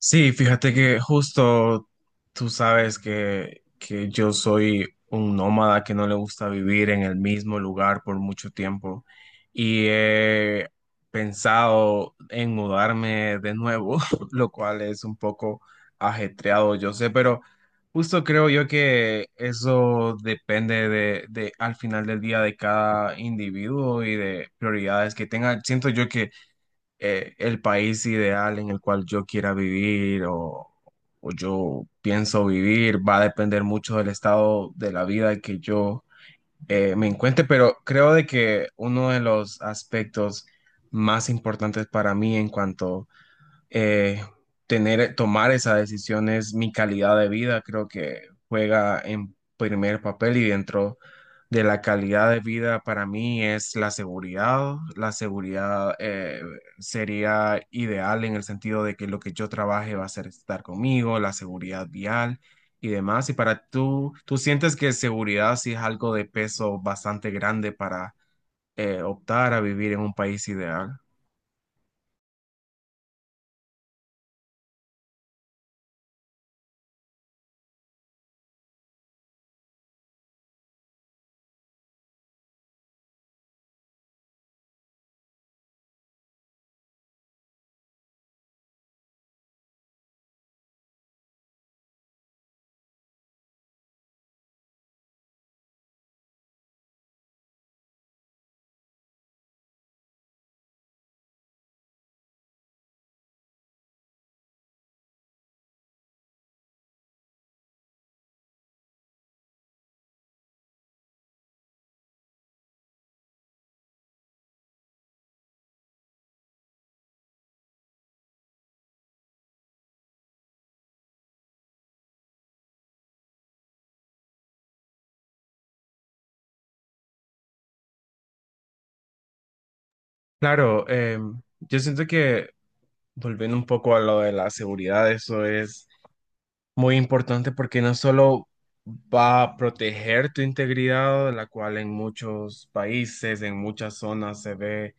Sí, fíjate que justo tú sabes que yo soy un nómada que no le gusta vivir en el mismo lugar por mucho tiempo y he pensado en mudarme de nuevo, lo cual es un poco ajetreado, yo sé, pero justo creo yo que eso depende de al final del día de cada individuo y de prioridades que tenga. Siento yo que el país ideal en el cual yo quiera vivir o yo pienso vivir va a depender mucho del estado de la vida que yo me encuentre, pero creo de que uno de los aspectos más importantes para mí en cuanto eh, tener, tomar esa decisión es mi calidad de vida, creo que juega en primer papel y dentro de la calidad de vida para mí es la seguridad. La seguridad sería ideal en el sentido de que lo que yo trabaje va a ser estar conmigo, la seguridad vial y demás. Y para tú, ¿tú sientes que seguridad sí es algo de peso bastante grande para optar a vivir en un país ideal? Claro, yo siento que volviendo un poco a lo de la seguridad, eso es muy importante porque no solo va a proteger tu integridad, la cual en muchos países, en muchas zonas se ve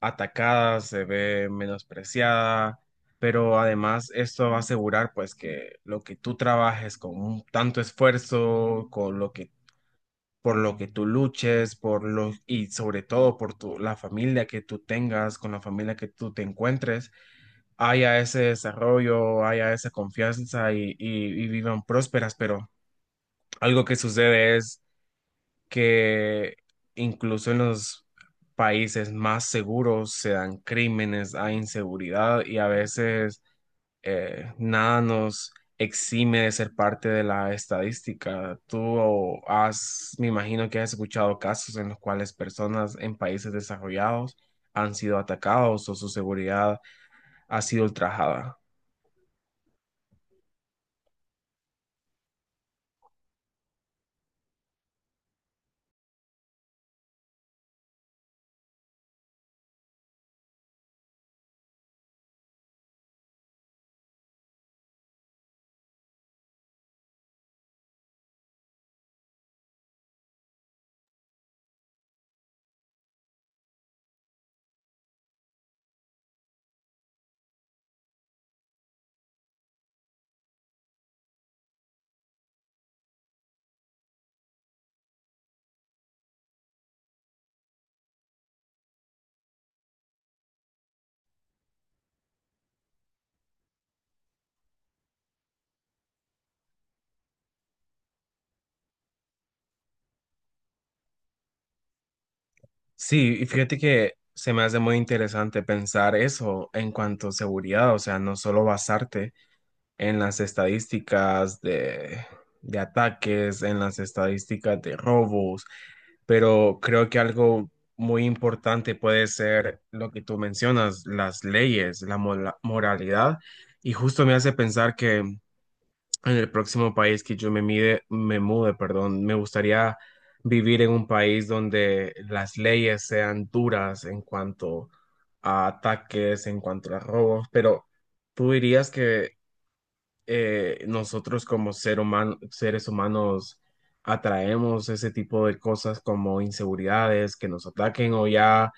atacada, se ve menospreciada, pero además esto va a asegurar pues que lo que tú trabajes tanto esfuerzo, con lo que por lo que tú luches, por lo y sobre todo por tu la familia que tú tengas, con la familia que tú te encuentres haya ese desarrollo, haya esa confianza y vivan prósperas, pero algo que sucede es que incluso en los países más seguros se dan crímenes, hay inseguridad y a veces nada nos exime de ser parte de la estadística. Tú has, me imagino que has escuchado casos en los cuales personas en países desarrollados han sido atacados o su seguridad ha sido ultrajada. Sí, y fíjate que se me hace muy interesante pensar eso en cuanto a seguridad, o sea, no solo basarte en las estadísticas de ataques, en las estadísticas de robos, pero creo que algo muy importante puede ser lo que tú mencionas, las leyes, moralidad, y justo me hace pensar que en el próximo país que me mude, perdón, me gustaría vivir en un país donde las leyes sean duras en cuanto a ataques, en cuanto a robos, pero tú dirías que nosotros como seres humanos atraemos ese tipo de cosas como inseguridades, que nos ataquen o ya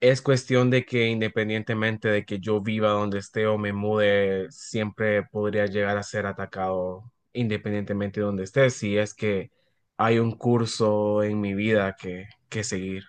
es cuestión de que independientemente de que yo viva donde esté o me mude, siempre podría llegar a ser atacado independientemente de donde esté, si es que hay un curso en mi vida que seguir.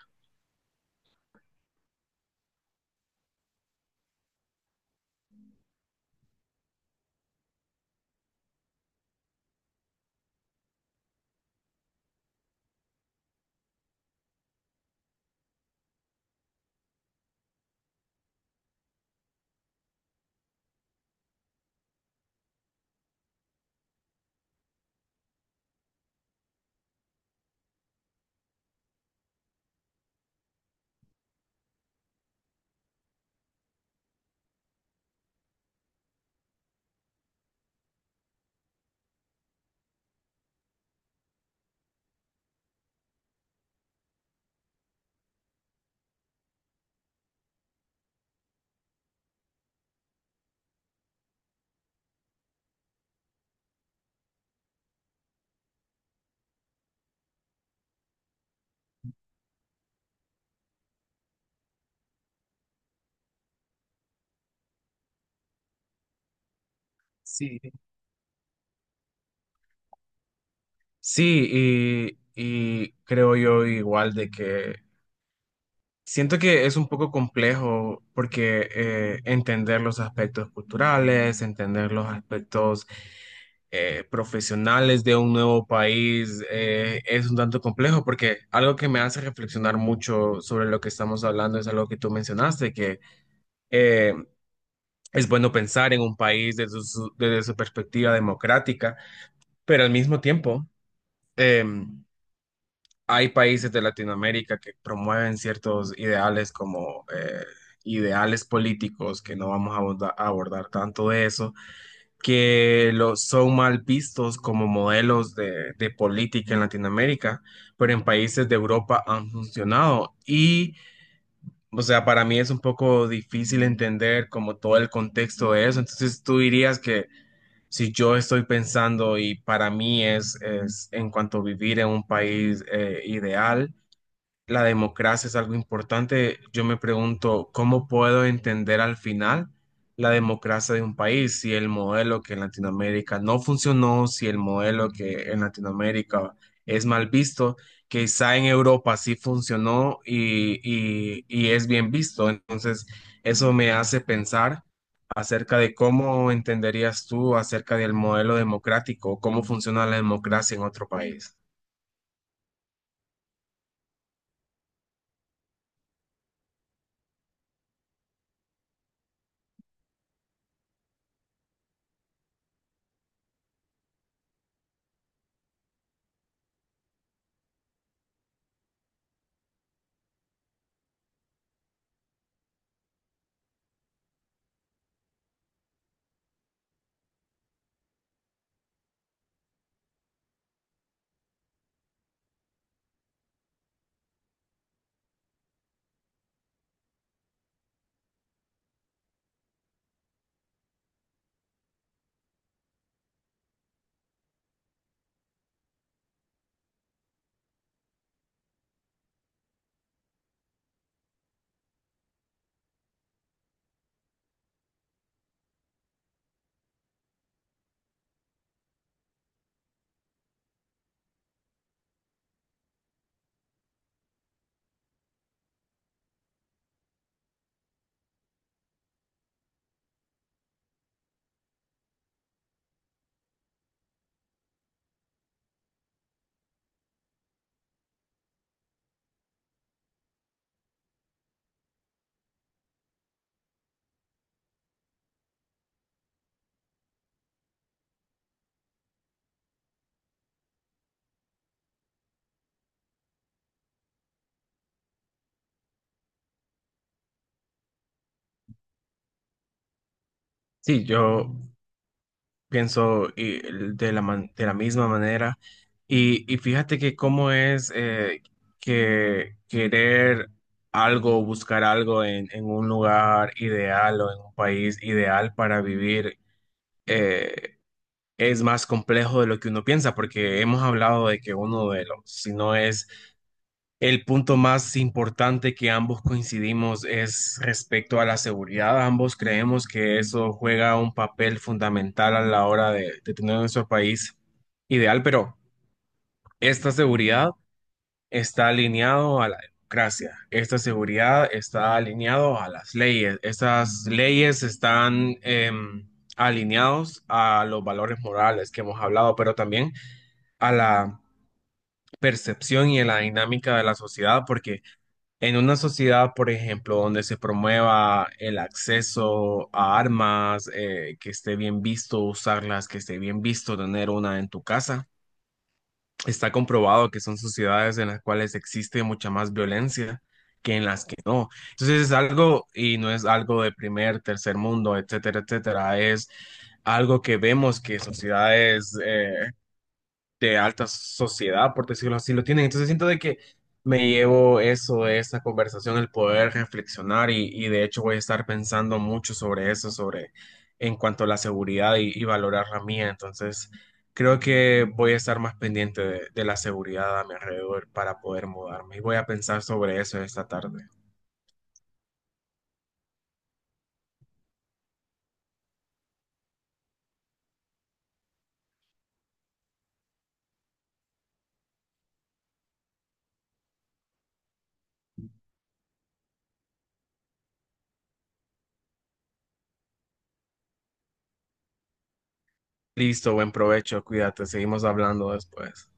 Sí. Sí, y creo yo igual de que siento que es un poco complejo porque entender los aspectos culturales, entender los aspectos profesionales de un nuevo país es un tanto complejo porque algo que me hace reflexionar mucho sobre lo que estamos hablando es algo que tú mencionaste, que eh, es bueno pensar en un país desde desde su perspectiva democrática, pero al mismo tiempo em, hay países de Latinoamérica que promueven ciertos ideales como ideales políticos, que no vamos a a abordar, tanto de eso, que lo, son mal vistos como modelos de política en Latinoamérica, pero en países de Europa han funcionado. Y, o sea, para mí es un poco difícil entender como todo el contexto de eso. Entonces, tú dirías que... Si yo estoy pensando y para mí es en cuanto a vivir en un país ideal, la democracia es algo importante, yo me pregunto, ¿cómo puedo entender al final la democracia de un país? Si el modelo que en Latinoamérica no funcionó, si el modelo que en Latinoamérica es mal visto, quizá en Europa sí funcionó y es bien visto. Entonces, eso me hace pensar acerca de cómo entenderías tú acerca del modelo democrático, cómo funciona la democracia en otro país. Sí, yo pienso y de la, de la misma manera. Y fíjate que cómo es que querer algo, buscar algo en un lugar ideal o en un país ideal para vivir eh, es más complejo de lo que uno piensa, porque hemos hablado de que uno de los, si no es el punto más importante que ambos coincidimos es respecto a la seguridad. Ambos creemos que eso juega un papel fundamental a la hora de tener nuestro país ideal, pero esta seguridad está alineado a la democracia. Esta seguridad está alineado a las leyes. Estas leyes están alineados a los valores morales que hemos hablado, pero también a la percepción y a la dinámica de la sociedad, porque en una sociedad, por ejemplo, donde se promueva el acceso a armas, que esté bien visto usarlas, que esté bien visto tener una en tu casa, está comprobado que son sociedades en las cuales existe mucha más violencia que en las que no. Entonces es algo, y no es algo de primer, tercer mundo, etcétera, etcétera, es algo que vemos que sociedades de alta sociedad, por decirlo así, lo tienen. Entonces siento de que me llevo eso de esta conversación, el poder reflexionar y de hecho voy a estar pensando mucho sobre eso, sobre en cuanto a la seguridad y valorar la mía. Entonces creo que voy a estar más pendiente de la seguridad a mi alrededor para poder mudarme y voy a pensar sobre eso esta tarde. Listo, buen provecho, cuídate, seguimos hablando después.